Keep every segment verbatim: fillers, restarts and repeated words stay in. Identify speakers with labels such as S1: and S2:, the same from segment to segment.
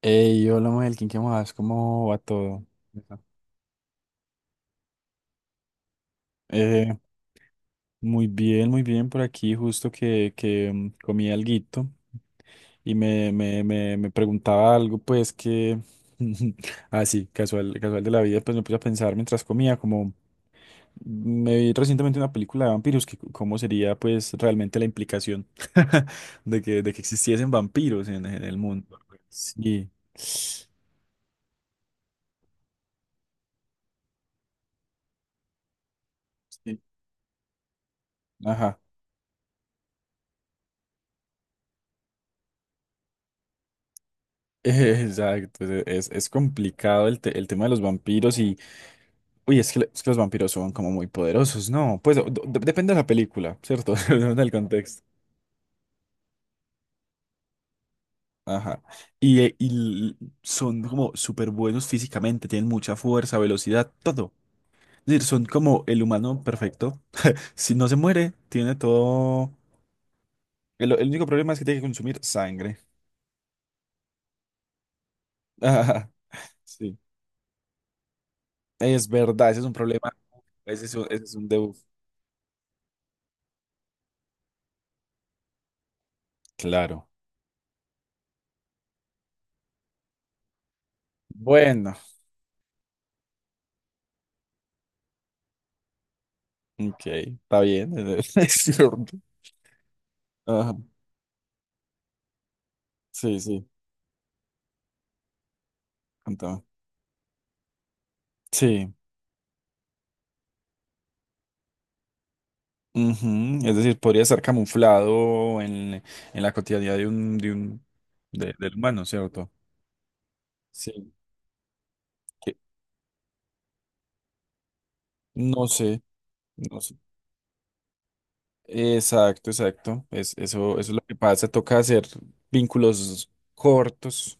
S1: Hey, hola Melkin, ¿qué más? ¿Cómo va todo? Eso. Eh, Muy bien, muy bien por aquí, justo que, que mm, comí alguito y me, me, me, me preguntaba algo, pues que, ah sí, casual, casual de la vida, pues me puse a pensar mientras comía, como me vi recientemente una película de vampiros, que c- cómo sería pues realmente la implicación de que, de que existiesen vampiros en, en el mundo. Sí. Sí. Ajá. Exacto, es, es- es complicado el, te- el tema de los vampiros y... Uy, es que, es que los vampiros son como muy poderosos, ¿no? Pues o- de- depende de la película, ¿cierto? Depende del contexto. Ajá. Y, eh, y l- son como súper buenos físicamente, tienen mucha fuerza, velocidad, todo. Es decir, son como el humano perfecto. Si no se muere, tiene todo... El, el único problema es que tiene que consumir sangre. Ajá, sí. Es verdad, ese es un problema. Ese es un, ese es un debuff. Claro. Bueno, ok, está bien, es es cierto. Ajá, sí, sí, contame. Sí, ujú. Es decir, podría estar camuflado en, en la cotidianidad de un, de un, de- del humano, ¿cierto? Sí, que- no sé, no sé. Exacto, exacto. Es, eso, eso es lo que pasa, toca hacer vínculos cortos,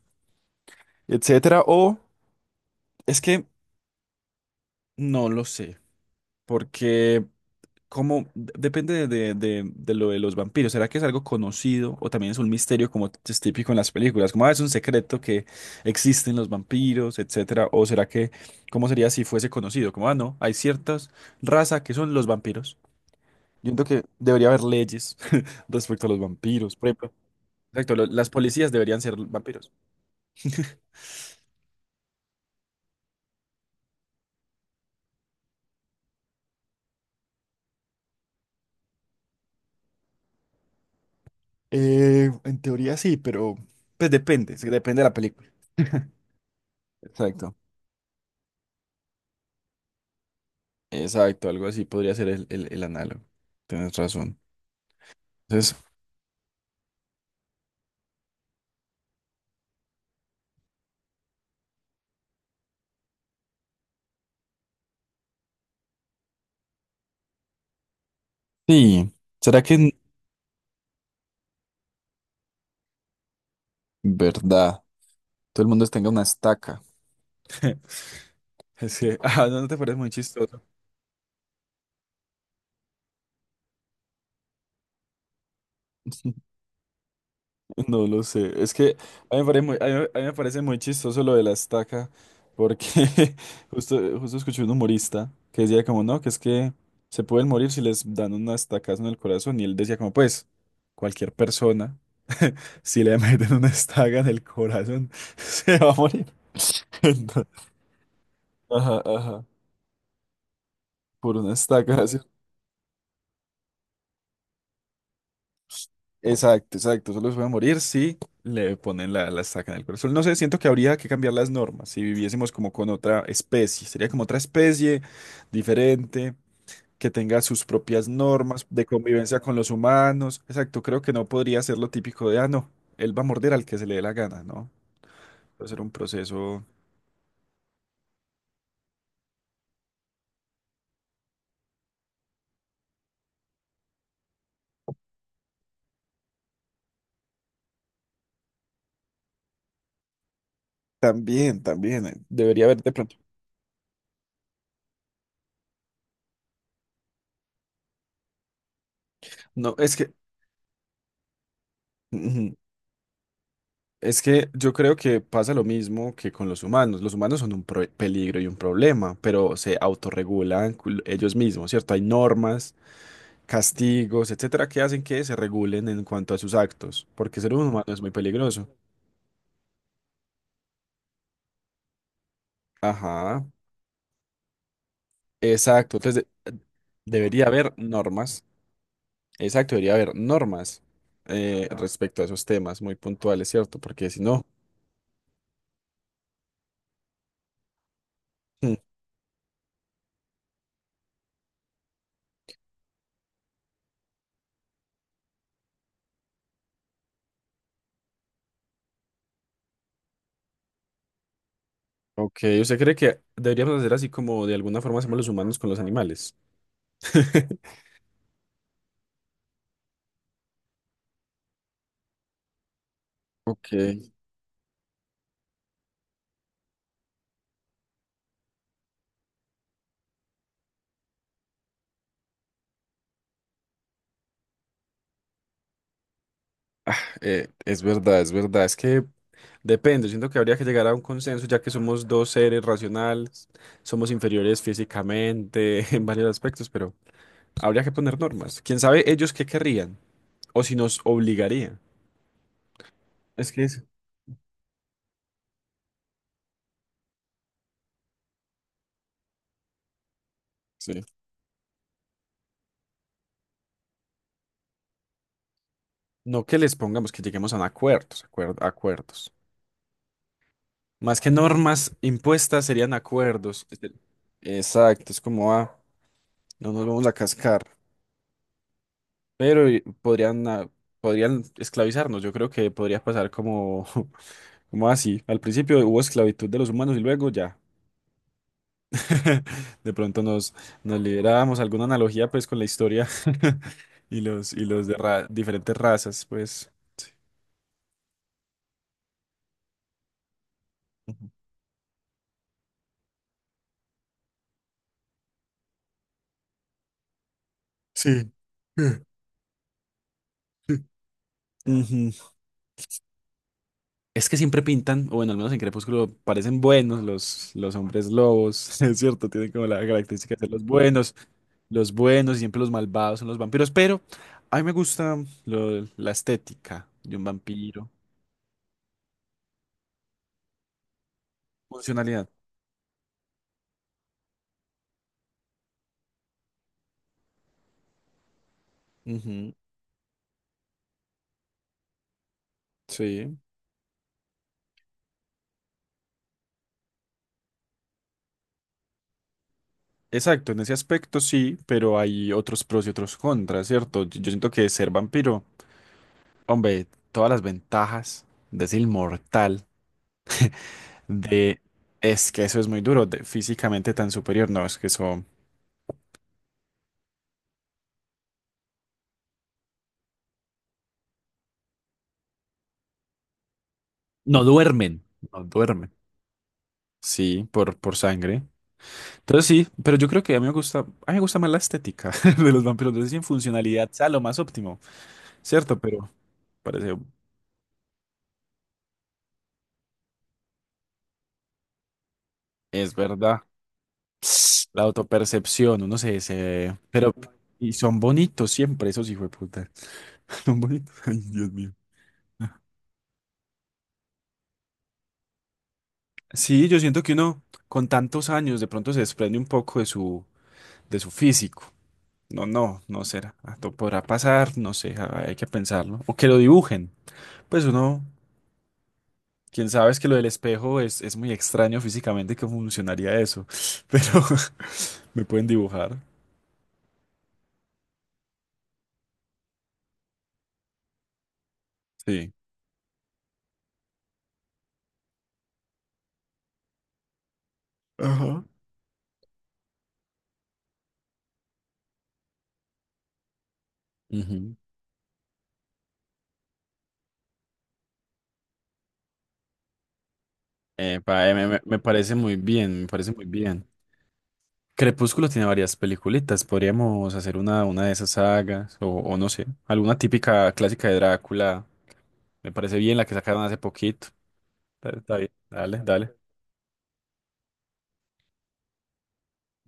S1: etcétera, o es que no lo sé, porque. Como depende de, de, de lo de los vampiros, ¿será que es algo conocido o también es un misterio como es típico en las películas? Como, "Ah, es un secreto que existen los vampiros, etcétera"? ¿O será que cómo sería si fuese conocido? Como, ah, no, hay ciertas razas que son los vampiros. Yo entiendo que debería haber leyes respecto a los vampiros, por ejemplo. Exacto, lo- las policías deberían ser vampiros. Eh, en teoría sí, pero pues depende, sí, depende de la película. Exacto. Exacto, algo así podría ser el, el, el análogo. Tienes razón. Entonces, sí, ¿será que en verdad todo el mundo tenga una estaca? Es que, ah, no, no te parece muy chistoso. No lo sé. Es que a mí me parece muy, a mí me- a mí me parece muy chistoso lo de la estaca, porque justo, justo escuché un humorista que decía como, no, que es que se pueden morir si les dan una estacazo en el corazón. Y él decía como, pues, cualquier persona, si le meten una estaca en el corazón, se va a morir. Entonces, ajá, ajá, por una estaca. Exacto, exacto. Solo se puede morir si le ponen la, la estaca en el corazón. No sé, siento que habría que cambiar las normas si viviésemos como con otra especie. Sería como otra especie diferente, que tenga sus propias normas de convivencia con los humanos. Exacto, creo que no podría ser lo típico de, ah, no, él va a morder al que se le dé la gana, ¿no? Va a ser un proceso. También, también. eh, Debería haber de pronto. No, es que. Ujú. Es que yo creo que pasa lo mismo que con los humanos. Los humanos son un pro- peligro y un problema, pero se autorregulan cul- ellos mismos, ¿cierto? Hay normas, castigos, etcétera, que hacen que se regulen en cuanto a sus actos, porque ser un humano es muy peligroso. Ajá, exacto. Entonces, de- debería haber normas, exacto, debería haber normas eh, respecto a esos temas muy puntuales, ¿cierto? Porque si no, hmm, ok, ¿usted cree que deberíamos hacer así como de alguna forma hacemos los humanos con los animales? Ok. Ah, eh, es verdad, es verdad. Es que depende. Siento que habría que llegar a un consenso, ya que somos dos seres racionales, somos inferiores físicamente en varios aspectos, pero habría que poner normas. ¿Quién sabe ellos qué querrían o si nos obligaría? Es que es. Sí. No que les pongamos, que lleguemos a un acuerdos, acuer- acuerdos. Más que normas impuestas serían acuerdos. Este- exacto, es como, ah, no nos vamos a cascar. Pero y- podrían, ah, podrían esclavizarnos. Yo creo que podría pasar como, como así. Al principio hubo esclavitud de los humanos y luego ya. De pronto nos, nos liberábamos. Alguna analogía pues con la historia y los, y los de ra- diferentes razas, pues. Ujú. Sí. Eh, sí. Ujú. Es que siempre pintan, o bueno, al menos en Crepúsculo parecen buenos los, los hombres lobos, es cierto, tienen como la característica de ser los buenos. Los buenos, y siempre los malvados son los vampiros, pero a mí me gusta lo- la estética de un vampiro. Funcionalidad. Ujú, sí. Exacto, en ese aspecto sí, pero hay otros pros y otros contras, ¿cierto? Yo, yo siento que ser vampiro, hombre, todas las ventajas de ser inmortal, de... Es que eso es muy duro, de físicamente tan superior, no, es que eso... No duermen. No duermen. Sí, por, por sangre. Entonces sí, pero yo creo que a mí me gusta, a mí me gusta más la estética de los vampiros. Entonces en funcionalidad sea lo más óptimo, ¿cierto? Pero parece, es verdad. La autopercepción, uno se, se... Pero, y son bonitos siempre, esos hijos de puta. Son bonitos. Ay, Dios mío. Sí, yo siento que uno con tantos años de pronto se desprende un poco de su, de su físico. No, no, no será. Ah, to- podrá pasar, no sé, ah, hay que pensarlo. O que lo dibujen. Pues uno, quién sabe, es que lo del espejo es, es muy extraño físicamente que funcionaría eso, pero me pueden dibujar. Sí. Ajá. Ujú. Epa, eh, me, me- me parece muy bien, me parece muy bien. Crepúsculo tiene varias peliculitas, podríamos hacer una, una de esas sagas, o, o no sé, alguna típica clásica de Drácula. Me parece bien la que sacaron hace poquito. Está está bien, dale, dale.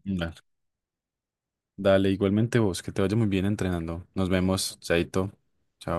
S1: Dale, dale, igualmente vos, que te vaya muy bien entrenando. Nos vemos, chaito. Chao.